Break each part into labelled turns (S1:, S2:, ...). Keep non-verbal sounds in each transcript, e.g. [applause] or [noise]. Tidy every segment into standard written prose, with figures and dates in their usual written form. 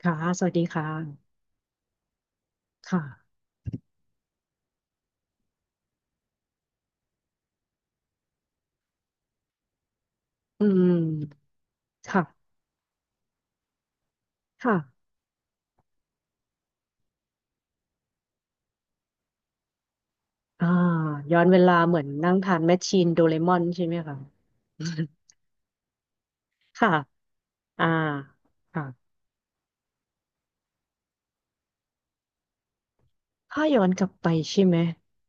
S1: ค่ะ สวัสดีค่ะ ค่ะ อืมค่ะ ค่ะ อ่า ย้อนเวลาเหมือนนั่งทานแมชชีนโดเรมอนใช่ไหมคะ [laughs] ค่ะ อ่า ค่ะ ถ้าย้อนกลับไปใช่ไหม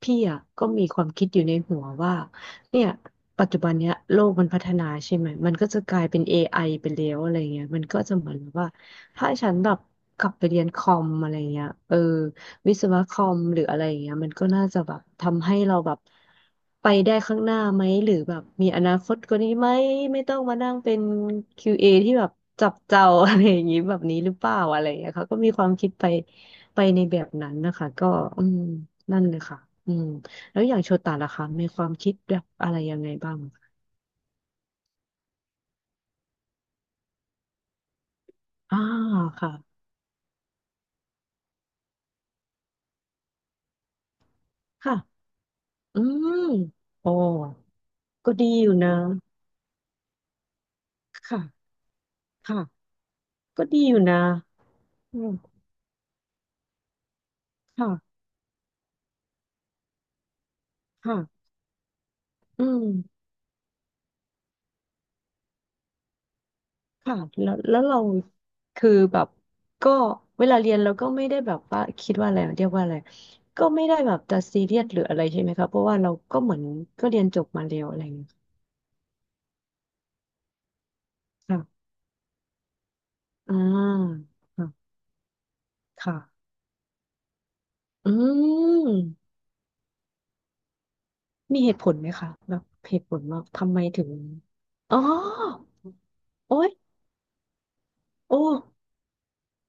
S1: พี่อ่ะก็มีความคิดอยู่ในหัวว่าเนี่ยปัจจุบันเนี้ยโลกมันพัฒนาใช่ไหมมันก็จะกลายเป็น AI ไอไปแล้วอะไรเงี้ยมันก็จะเหมือนแบบว่าถ้าฉันแบบกลับไปเรียนคอมอะไรเงี้ยเออวิศวะคอมหรืออะไรเงี้ยมันก็น่าจะแบบทำให้เราแบบไปได้ข้างหน้าไหมหรือแบบมีอนาคตกว่านี้ไหมไม่ต้องมานั่งเป็นคิวเอที่แบบจับเจ้า [laughs] อะไรอย่างงี้แบบนี้หรือเปล่าอะไรเงี้ยเขาก็มีความคิดไป ไปในแบบนั้นนะคะก็อืมนั่นเลยค่ะอืมแล้วอย่างโชตะล่ะคะมีความคิดแบบอะไรยังไงบ้างคะอ่าค่ะค่ะอืมโอ้ก็ดีอยู่นะค่ะค่ะก็ดีอยู่นะอืมค่ะค่ะอืมค่ะแล้วเราคือแบบก็เวลาเรียนเราก็ไม่ได้แบบว่าคิดว่าอะไรเรียกว่าอะไรก็ไม่ได้แบบจะซีเรียสหรืออะไรใช่ไหมคะเพราะว่าเราก็เหมือนก็เรียนจบมาแล้วอะไรอย่างเงี้ยค่ะ อ่าค่ะค่ะ อืมมีเหตุผลไหมคะแบบเหตุผลว่าทำไมถึงอ๋อโอ๊ยโอ้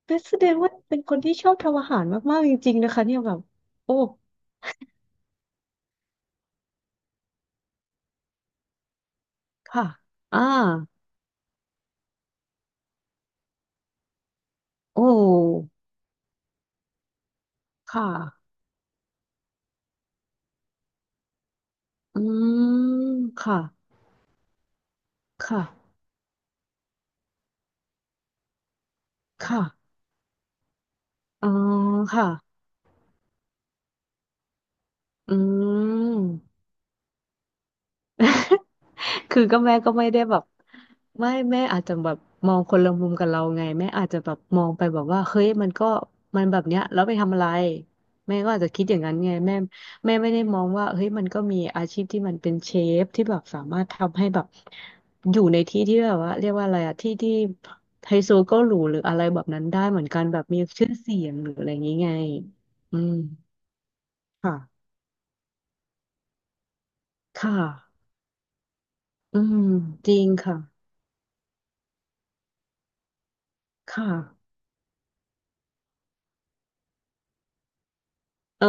S1: เป็นแสดงว่าเป็นคนที่ชอบทำอาหารมากๆจริงๆนะคะเนี่ยแบบโอ้ค่ะอ่าโอ้ค่ะ อืมค่ะ ค่ะค่ะอ๋อค่ะอืม [laughs] คือก็แม่ก็ไม่ได้แบบไม่แม่อาจจะแบบมองคนละมุมกับเราไงแม่อาจจะแบบมองไปแบบว่าเฮ้ยมันก็มันแบบเนี้ยแล้วไปทำอะไรแม่ก็อาจจะคิดอย่างนั้นไงแม่แม่ไม่ได้มองว่าเฮ้ยมันก็มีอาชีพที่มันเป็นเชฟที่แบบสามารถทำให้แบบอยู่ในที่ที่แบบว่าเรียกว่าอะไรอะที่ที่ไฮโซก็หรูหรืออะไรแบบนั้นได้เหมือนกันแบบมีชื่อเสียงหรืออะไรอย่างงี้ไงอืมค่ะค่ะอืมจริงค่ะค่ะ เออ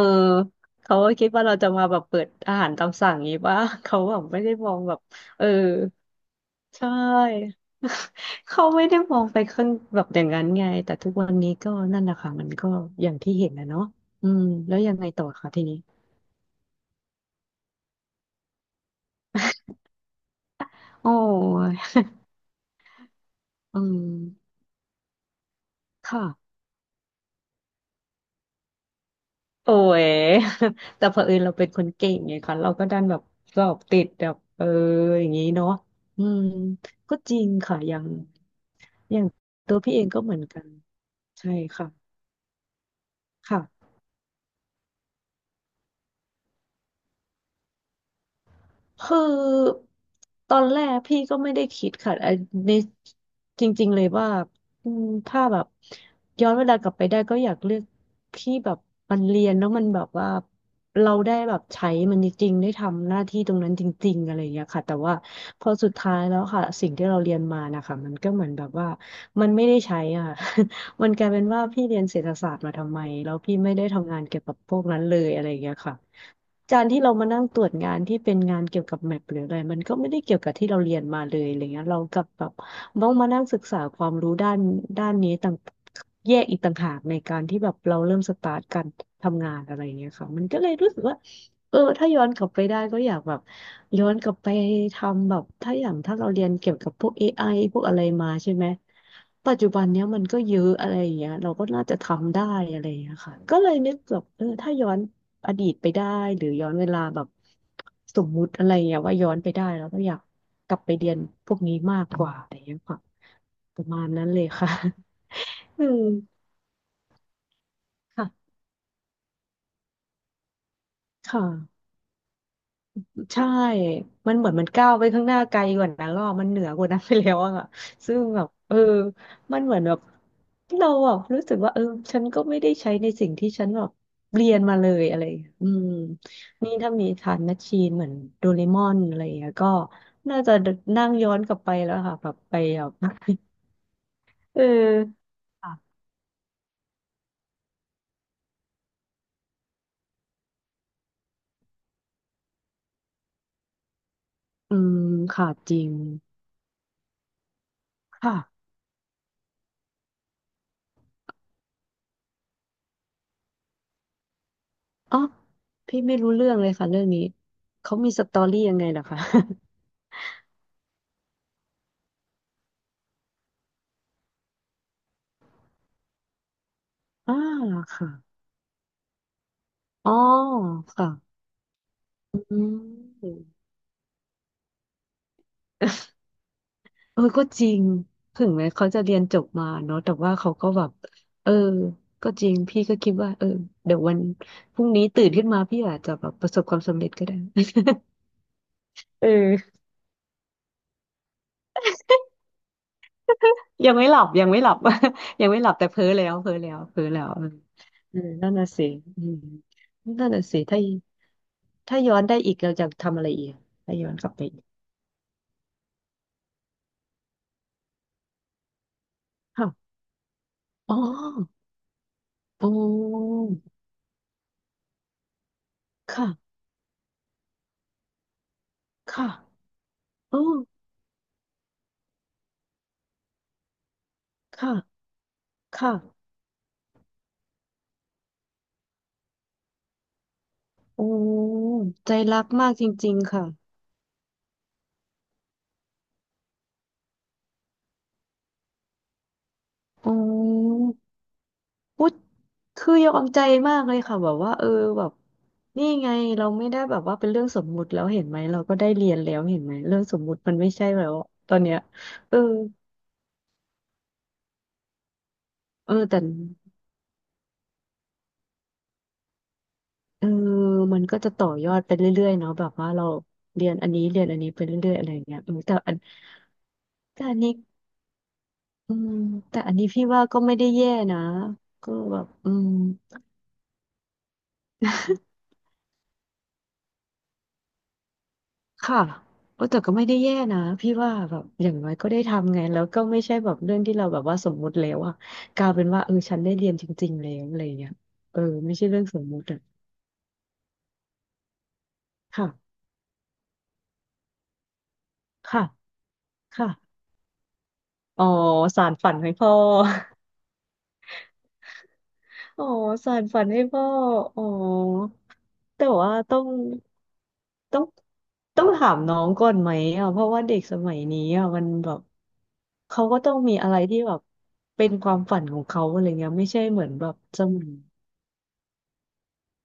S1: เขาก็คิดว่าเราจะมาแบบเปิดอาหารตามสั่งงี้ป่ะ [laughs] เขาแบบไม่ได้มองแบบเออใช่ [laughs] เขาไม่ได้มองไปข้างแบบอย่างนั้นไงแต่ทุกวันนี้ก็นั่นแหละค่ะมันก็อย่างที่เห็นนะเนาะอืมแล้วยังไงต่อคะทีนี้โอ้ยอืมค่ะ โอ้ย [laughs] แต่เผอิญเราเป็นคนเก่งไงคะเราก็ดันแบบสอบติดแบบเอออย่างนี้เนาะอืม ก็จริงค่ะอย่างอย่างตัวพี่เองก็เหมือนกันใช่ค่ะค่ะ คือตอนแรกพี่ก็ไม่ได้คิดค่ะไอัในจริงๆเลยว่าอืมถ้าแบบย้อนเวลากลับไปได้ก็อยากเลือกที่แบบมันเรียนแล้วมันแบบว่าเราได้แบบใช้มันจริงๆได้ทำหน้าที่ตรงนั้นจริงๆอะไรอย่างเงี้ยค่ะแต่ว่าพอสุดท้ายแล้วค่ะสิ่งที่เราเรียนมานะคะมันก็เหมือนแบบว่ามันไม่ได้ใช้อ่ะ [laughs] มันกลายเป็นว่าพี่เรียนเศรษฐศาสตร์มาทำไมแล้วพี่ไม่ได้ทำงานเกี่ยวกับพวกนั้นเลยอะไรอย่างเงี้ยค่ะ การที่เรามานั่งตรวจงานที่เป็นงานเกี่ยวกับแมปหรืออะไรมันก็ไม่ได้เกี่ยวกับที่เราเรียนมาเลยอะไรเงี้ยเรากลับแบบต้องมานั่งศึกษาความรู้ด้านนี้ต่างแยกอีกต่างหากในการที่แบบเราเริ่มสตาร์ทการทำงานอะไรเงี้ยค่ะมันก็เลยรู้สึกว่า เออถ้าย้อนกลับไปได้ก็อยากแบบย้อนกลับไปทำแบบถ้าอย่างถ้าเราเรียนเกี่ยวกับพวก AI พวกอะไรมาใช่ไหมปัจจุบันเนี้ยมันก็เยอะอะไรอย่างเงี้ยเราก็น่าจะทำได้อะไรอย่างเงี้ยค่ะก็เลยนึกแบบเออถ้าย้อนอดีตไปได้หรือย้อนเวลาแบบสมมุติอะไรอย่างเงี้ยว่าย้อนไปได้แล้วก็อยากกลับไปเรียนพวกนี้มากกว่าอะไรอย่างเงี้ยค่ะประมาณนั้นเลยค่ะ [laughs] อืมค่ะค่ะ ใช่มันเหมือนมันก้าวไปข้างหน้าไกลกว่านั้นแล้วอะมันเหนือกว่านั้นไปแล้วอะซึ่งแบบเออมันเหมือนแบบเราอะรู้สึกว่าเออฉันก็ไม่ได้ใช้ในสิ่งที่ฉันแบบเรียนมาเลยอะไรอย่างเงี้ยอืมนี่ถ้ามีฐานนัชชีนเหมือนโดเรมอนอะไรอย่างเงี้ยก็น่าจะนั่งย้อนกลับไปแล้วค่ะแบบไปแบบ [laughs] เออค่ะอืมค่ะจริงค่ะอ๋อพี่ไม่รู้เรื่องเลยค่ะเรื่องนี้เขามีสตอรี่ยังไงเหรอคะ [laughs] อ่าค่ะ อ๋อค่ะอืมเออก็จริงถึงแม้เขาจะเรียนจบมาเนาะแต่ว่าเขาก็แบบเออก็จริงพี่ก็คิดว่าเดี๋ยววันพรุ่งนี้ตื่นขึ้นมาพี่อาจจะแบบประสบความสำเร็จก็ได้ [laughs] เออยังไม่หลับ [laughs] ยังไม่หลับแต่เพ้อแล้วเพ้อแล้วเพ้อแล้วเออเออนั่นน่ะสิอืมนั่นน่ะสิถ้าย้อนได้อีกเราจะทำอะไรอีกถ้าย้อนกลับไปอีกค่ะอ๋ออ๋อค่ะค่ะอ๋อค่ะ ค่ะโอ้ใจรักมากจริงๆค่ะโอ้พูดคือยอมใจมากเลยค่ะแบบว่าเออแบบนี่ไงเราไม่ได้แบบว่าเป็นเรื่องสมมุติแล้วเห็นไหมเราก็ได้เรียนแล้วเห็นไหมเรื่องสมมุติมันไม่ใช่แล้วตอนเนี้ยเออเออแต่เออมันก็จะต่อยอดไปเรื่อยๆเนาะแบบว่าเราเรียนอันนี้เรียนอันนี้ไปเรื่อยๆอะไรอย่างเงี้ยเออแต่อันนี้อืมแต่อันนี้พี่ว่าก็ไม่ได้แย่นะก็แบบอืม [laughs] ค่ะเออแต่ก็ไม่ได้แย่นะพี่ว่าแบบอย่างน้อยก็ได้ทำไงแล้วก็ไม่ใช่แบบเรื่องที่เราแบบว่าสมมุติแล้วอะกลายเป็นว่าเออฉันได้เรียนจริงๆแล้วอะไรอย่างเงี้ยเออไม่ใช่เรื่องสมมุติอะค่ะค่ะค่ะอ๋อสานฝันให้พ่อ [laughs] อ๋อสานฝันให้พ่ออ๋อแต่ว่าต้อง ต้องต้องถามน้องก่อนไหมอ่ะเพราะว่าเด็กสมัยนี้อ่ะมันแบบเขาก็ต้องมีอะไรที่แบบเป็นความฝันของเขาอะไรเงี้ยไม่ใช่เหมือนแบบสมัย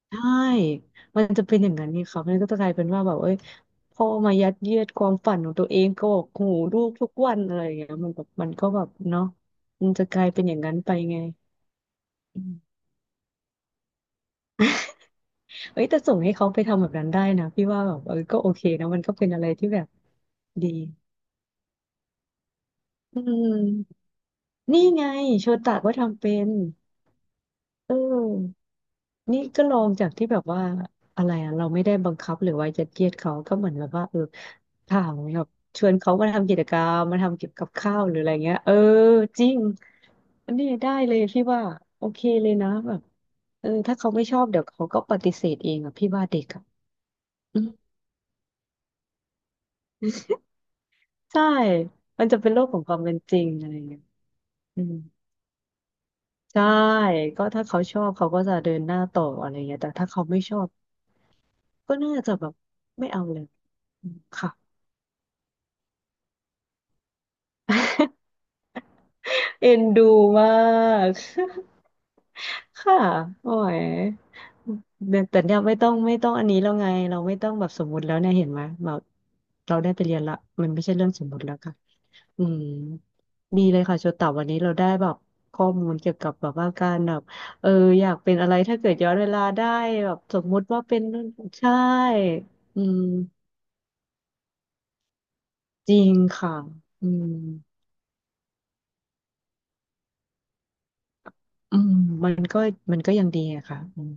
S1: ใช่มันจะเป็นอย่างนั้นนี่ครับมันก็จะกลายเป็นว่าแบบเอ้ยพ่อมายัดเยียดความฝันของตัวเองก็บอกหูลูกทุกวันอะไรอย่างเงี้ยมันแบบมันก็แบบเนาะมันจะกลายเป็นอย่างนั้นไปไงอืมเอ้ยแต่ส่งให้เขาไปทำแบบนั้นได้นะพี่ว่าแบบเออก็โอเคนะมันก็เป็นอะไรที่แบบดีอืม นี่ไงโชตะก็ทำเป็นเออนี่ก็ลองจากที่แบบว่าอะไรอะเราไม่ได้บังคับหรือว่ายัดเยียดเขาก็เหมือนแบบว่าเออถามแบบชวนเขามาทำกิจกรรมมาทำเก็บกับข้าวหรืออะไรเงี้ยเออจริงอันนี้ได้เลยพี่ว่าโอเคเลยนะแบบเออถ้าเขาไม่ชอบเดี๋ยวเขาก็ปฏิเสธเองอ่ะพี่ว่าเด็กอ่ะอืมใช่มันจะเป็นโลกของความเป็นจริงอะไรเงี้ยอืมใช่ก็ถ้าเขาชอบเขาก็จะเดินหน้าต่ออะไรเงี้ยแต่ถ้าเขาไม่ชอบ ก็น่าจะแบบไม่เอาเลยอืมค่ะเอ็นดูมาก [laughs] ค่ะโอ้ยแต่ยแต่เนี่ยไม่ต้องอันนี้แล้วไงเราไม่ต้องแบบสมมุติแล้วเนี่ยเห็นไหมเราเราได้ไปเรียนละมันไม่ใช่เรื่องสมมุติแล้วค่ะอืมดีเลยค่ะโชตะวันนี้เราได้แบบข้อมูลเกี่ยวกับแบบว่าการแบบเอออยากเป็นอะไรถ้าเกิดย้อนเวลาได้แบบสมมุติว่าเป็นนู่นใช่อืมจริงค่ะอืม อืมมันก็มันก็ยังดีอะค่ะอืม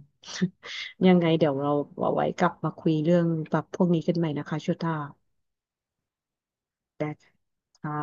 S1: [laughs] ยังไงเดี๋ยวเราเอาไว้กลับมาคุยเรื่องแบบพวกนี้กันใหม่นะคะชุ่าแต่ค่ะ